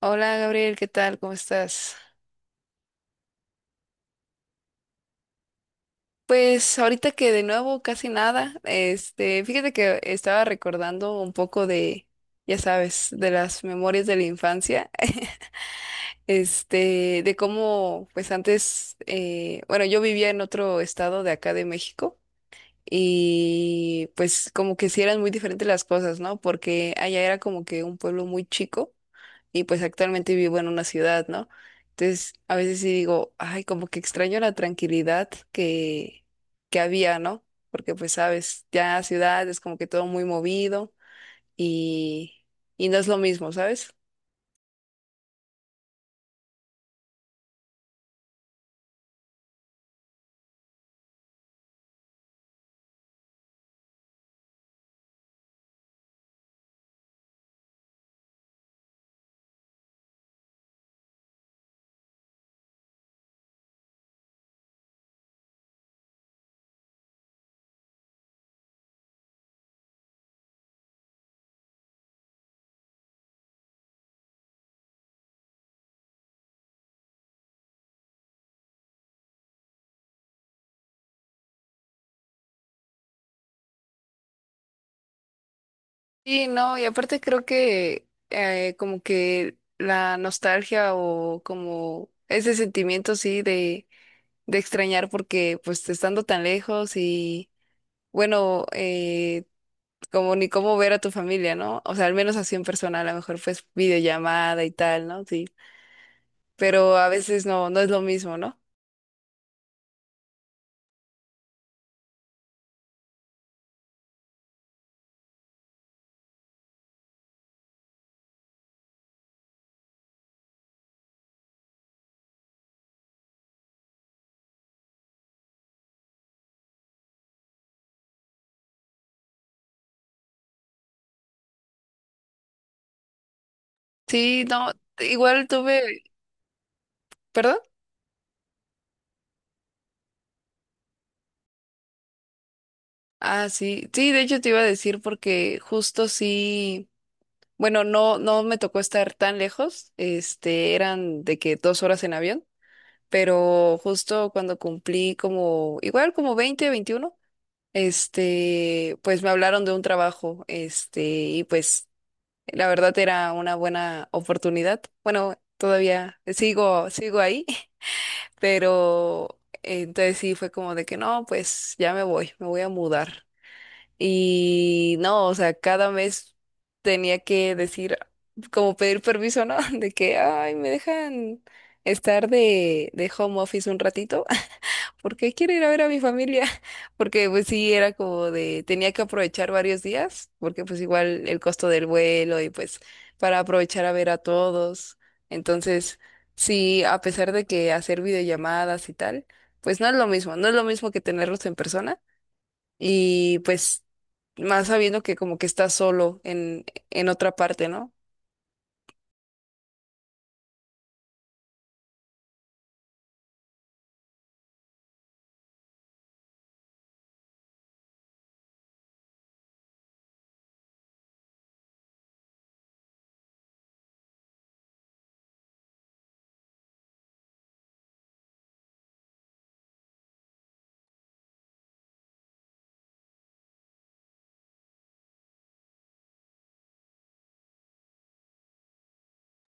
Hola Gabriel, ¿qué tal? ¿Cómo estás? Pues ahorita que de nuevo casi nada, fíjate que estaba recordando un poco de, ya sabes, de las memorias de la infancia. De cómo, pues antes, bueno, yo vivía en otro estado de acá de México y pues como que sí eran muy diferentes las cosas, ¿no? Porque allá era como que un pueblo muy chico y pues actualmente vivo en una ciudad, ¿no? Entonces, a veces sí digo, ay, como que extraño la tranquilidad que había, ¿no? Porque pues sabes, ya ciudad es como que todo muy movido y, y no es lo mismo, ¿sabes? Sí, no, y aparte creo que como que la nostalgia o como ese sentimiento, sí, de extrañar porque pues estando tan lejos y bueno, como ni cómo ver a tu familia, ¿no? O sea, al menos así en persona, a lo mejor pues videollamada y tal, ¿no? Sí, pero a veces no, no es lo mismo, ¿no? Sí, no, igual tuve, ¿perdón? Ah, sí, sí, de hecho te iba a decir porque justo sí, bueno, no, no me tocó estar tan lejos, eran de que 2 horas en avión, pero justo cuando cumplí como, igual como 20, 21. Pues me hablaron de un trabajo, y pues la verdad era una buena oportunidad. Bueno, todavía sigo ahí. Pero entonces sí fue como de que no, pues ya me voy a mudar. Y no, o sea, cada mes tenía que decir, como pedir permiso, ¿no? De que, ay, me dejan estar de home office un ratito porque quiero ir a ver a mi familia, porque pues sí, era como de, tenía que aprovechar varios días, porque pues igual el costo del vuelo y pues para aprovechar a ver a todos. Entonces, sí, a pesar de que hacer videollamadas y tal, pues no es lo mismo, no es lo mismo que tenerlos en persona y pues más sabiendo que como que estás solo en otra parte, ¿no?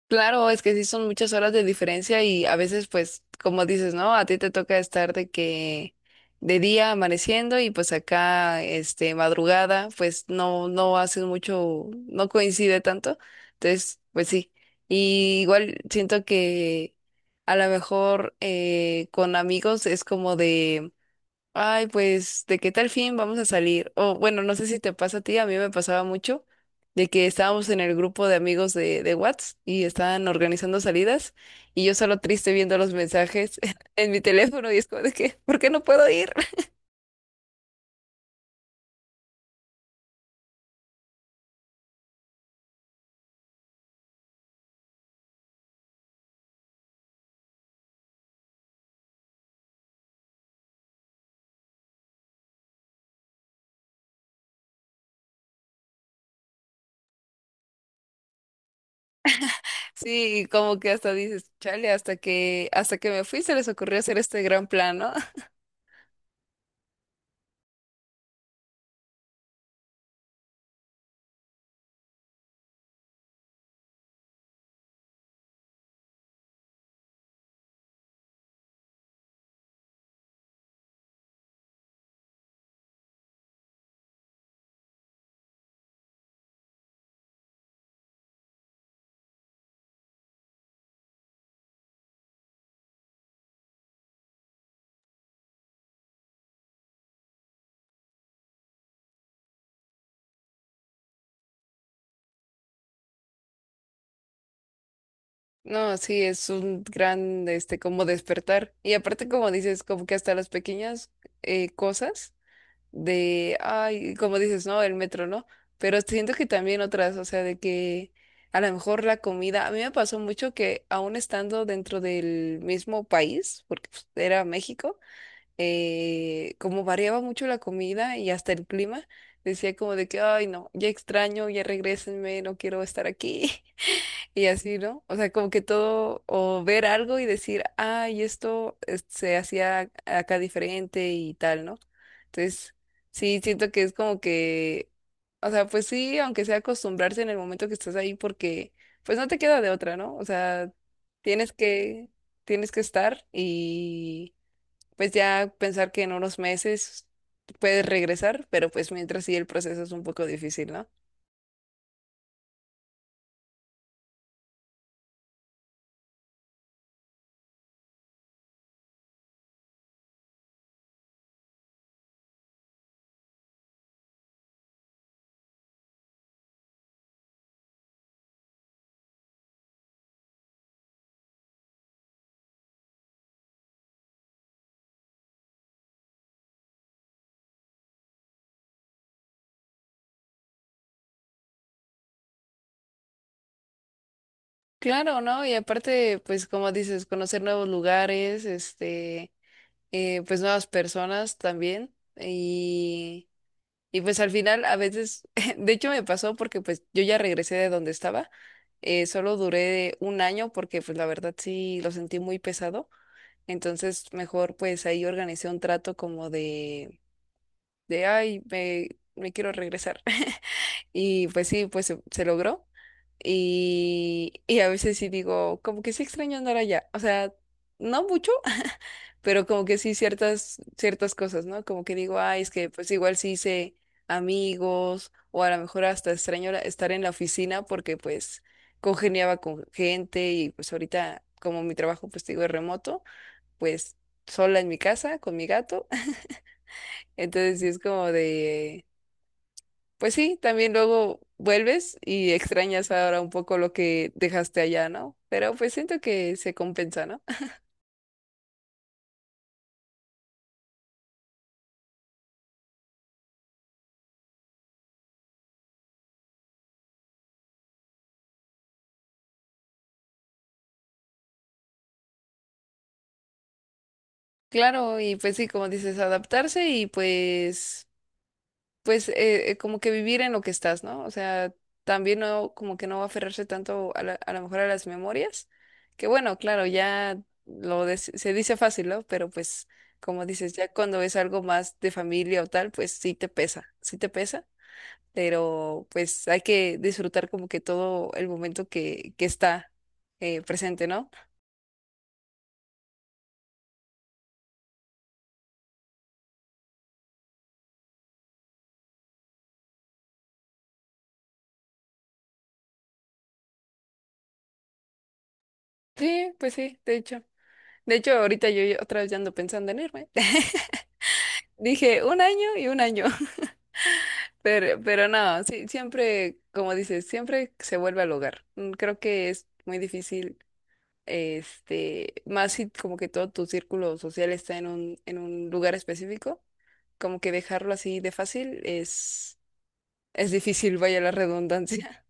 Claro, es que sí son muchas horas de diferencia y a veces, pues, como dices, ¿no? A ti te toca estar de que de día amaneciendo y pues acá, madrugada, pues no, no haces mucho, no coincide tanto. Entonces, pues sí. Y igual siento que a lo mejor con amigos es como de, ay, pues, ¿de qué tal fin vamos a salir? O bueno, no sé si te pasa a ti, a mí me pasaba mucho de que estábamos en el grupo de amigos de Whats y estaban organizando salidas y yo solo triste viendo los mensajes en mi teléfono y es como de que, ¿por qué no puedo ir? Sí, y como que hasta dices, chale, hasta que me fui se les ocurrió hacer este gran plan, ¿no? No, sí, es un gran, como despertar. Y aparte, como dices, como que hasta las pequeñas cosas de, ay, como dices, ¿no? El metro, ¿no? Pero siento que también otras, o sea, de que a lo mejor la comida, a mí me pasó mucho que aún estando dentro del mismo país, porque pues, era México, como variaba mucho la comida y hasta el clima, decía como de que, ay, no, ya extraño, ya regrésenme, no quiero estar aquí. Y así, ¿no? O sea, como que todo, o ver algo y decir, ay, se hacía acá diferente y tal, ¿no? Entonces, sí, siento que es como que, o sea, pues sí, aunque sea acostumbrarse en el momento que estás ahí, porque pues no te queda de otra, ¿no? O sea, tienes que, tienes que estar y pues ya pensar que en unos meses puedes regresar, pero pues mientras sí el proceso es un poco difícil, ¿no? Claro, ¿no? Y aparte, pues como dices, conocer nuevos lugares, pues nuevas personas también. Y pues al final a veces, de hecho me pasó porque pues yo ya regresé de donde estaba, solo duré un año porque pues la verdad sí lo sentí muy pesado. Entonces mejor pues ahí organicé un trato como de, ay, me quiero regresar. Y pues sí, pues se logró. Y a veces sí digo, como que sí extraño andar allá. O sea, no mucho, pero como que sí ciertas, ciertas cosas, ¿no? Como que digo, ay, es que pues igual sí hice amigos, o a lo mejor hasta extraño estar en la oficina porque pues congeniaba con gente y pues ahorita como mi trabajo pues te digo es remoto, pues sola en mi casa con mi gato. Entonces sí es como de... Pues sí, también luego vuelves y extrañas ahora un poco lo que dejaste allá, ¿no? Pero pues siento que se compensa, ¿no? Claro, y pues sí, como dices, adaptarse y pues, pues como que vivir en lo que estás, ¿no? O sea, también no, como que no aferrarse tanto a a lo mejor a las memorias, que bueno, claro, ya se dice fácil, ¿no? Pero pues, como dices, ya cuando es algo más de familia o tal, pues sí te pesa, sí te pesa. Pero pues hay que disfrutar como que todo el momento que está presente, ¿no? Sí, pues sí, de hecho. De hecho, ahorita yo otra vez ya ando pensando en irme. Dije un año y un año, pero no, sí, siempre, como dices, siempre se vuelve al hogar. Creo que es muy difícil, más si como que todo tu círculo social está en un lugar específico, como que dejarlo así de fácil es difícil, vaya la redundancia.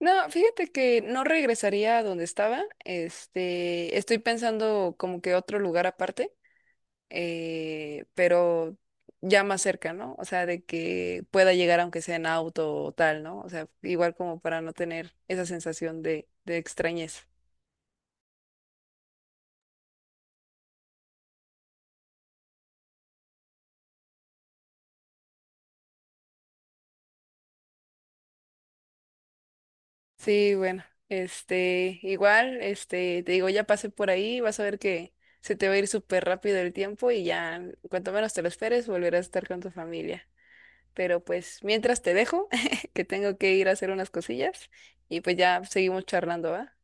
No, fíjate que no regresaría a donde estaba. Este, estoy pensando como que otro lugar aparte, pero ya más cerca, ¿no? O sea, de que pueda llegar aunque sea en auto o tal, ¿no? O sea, igual como para no tener esa sensación de extrañeza. Sí, bueno, igual, te digo, ya pasé por ahí, vas a ver que se te va a ir súper rápido el tiempo y ya, cuanto menos te lo esperes, volverás a estar con tu familia. Pero pues mientras te dejo, que tengo que ir a hacer unas cosillas y pues ya seguimos charlando, ¿va?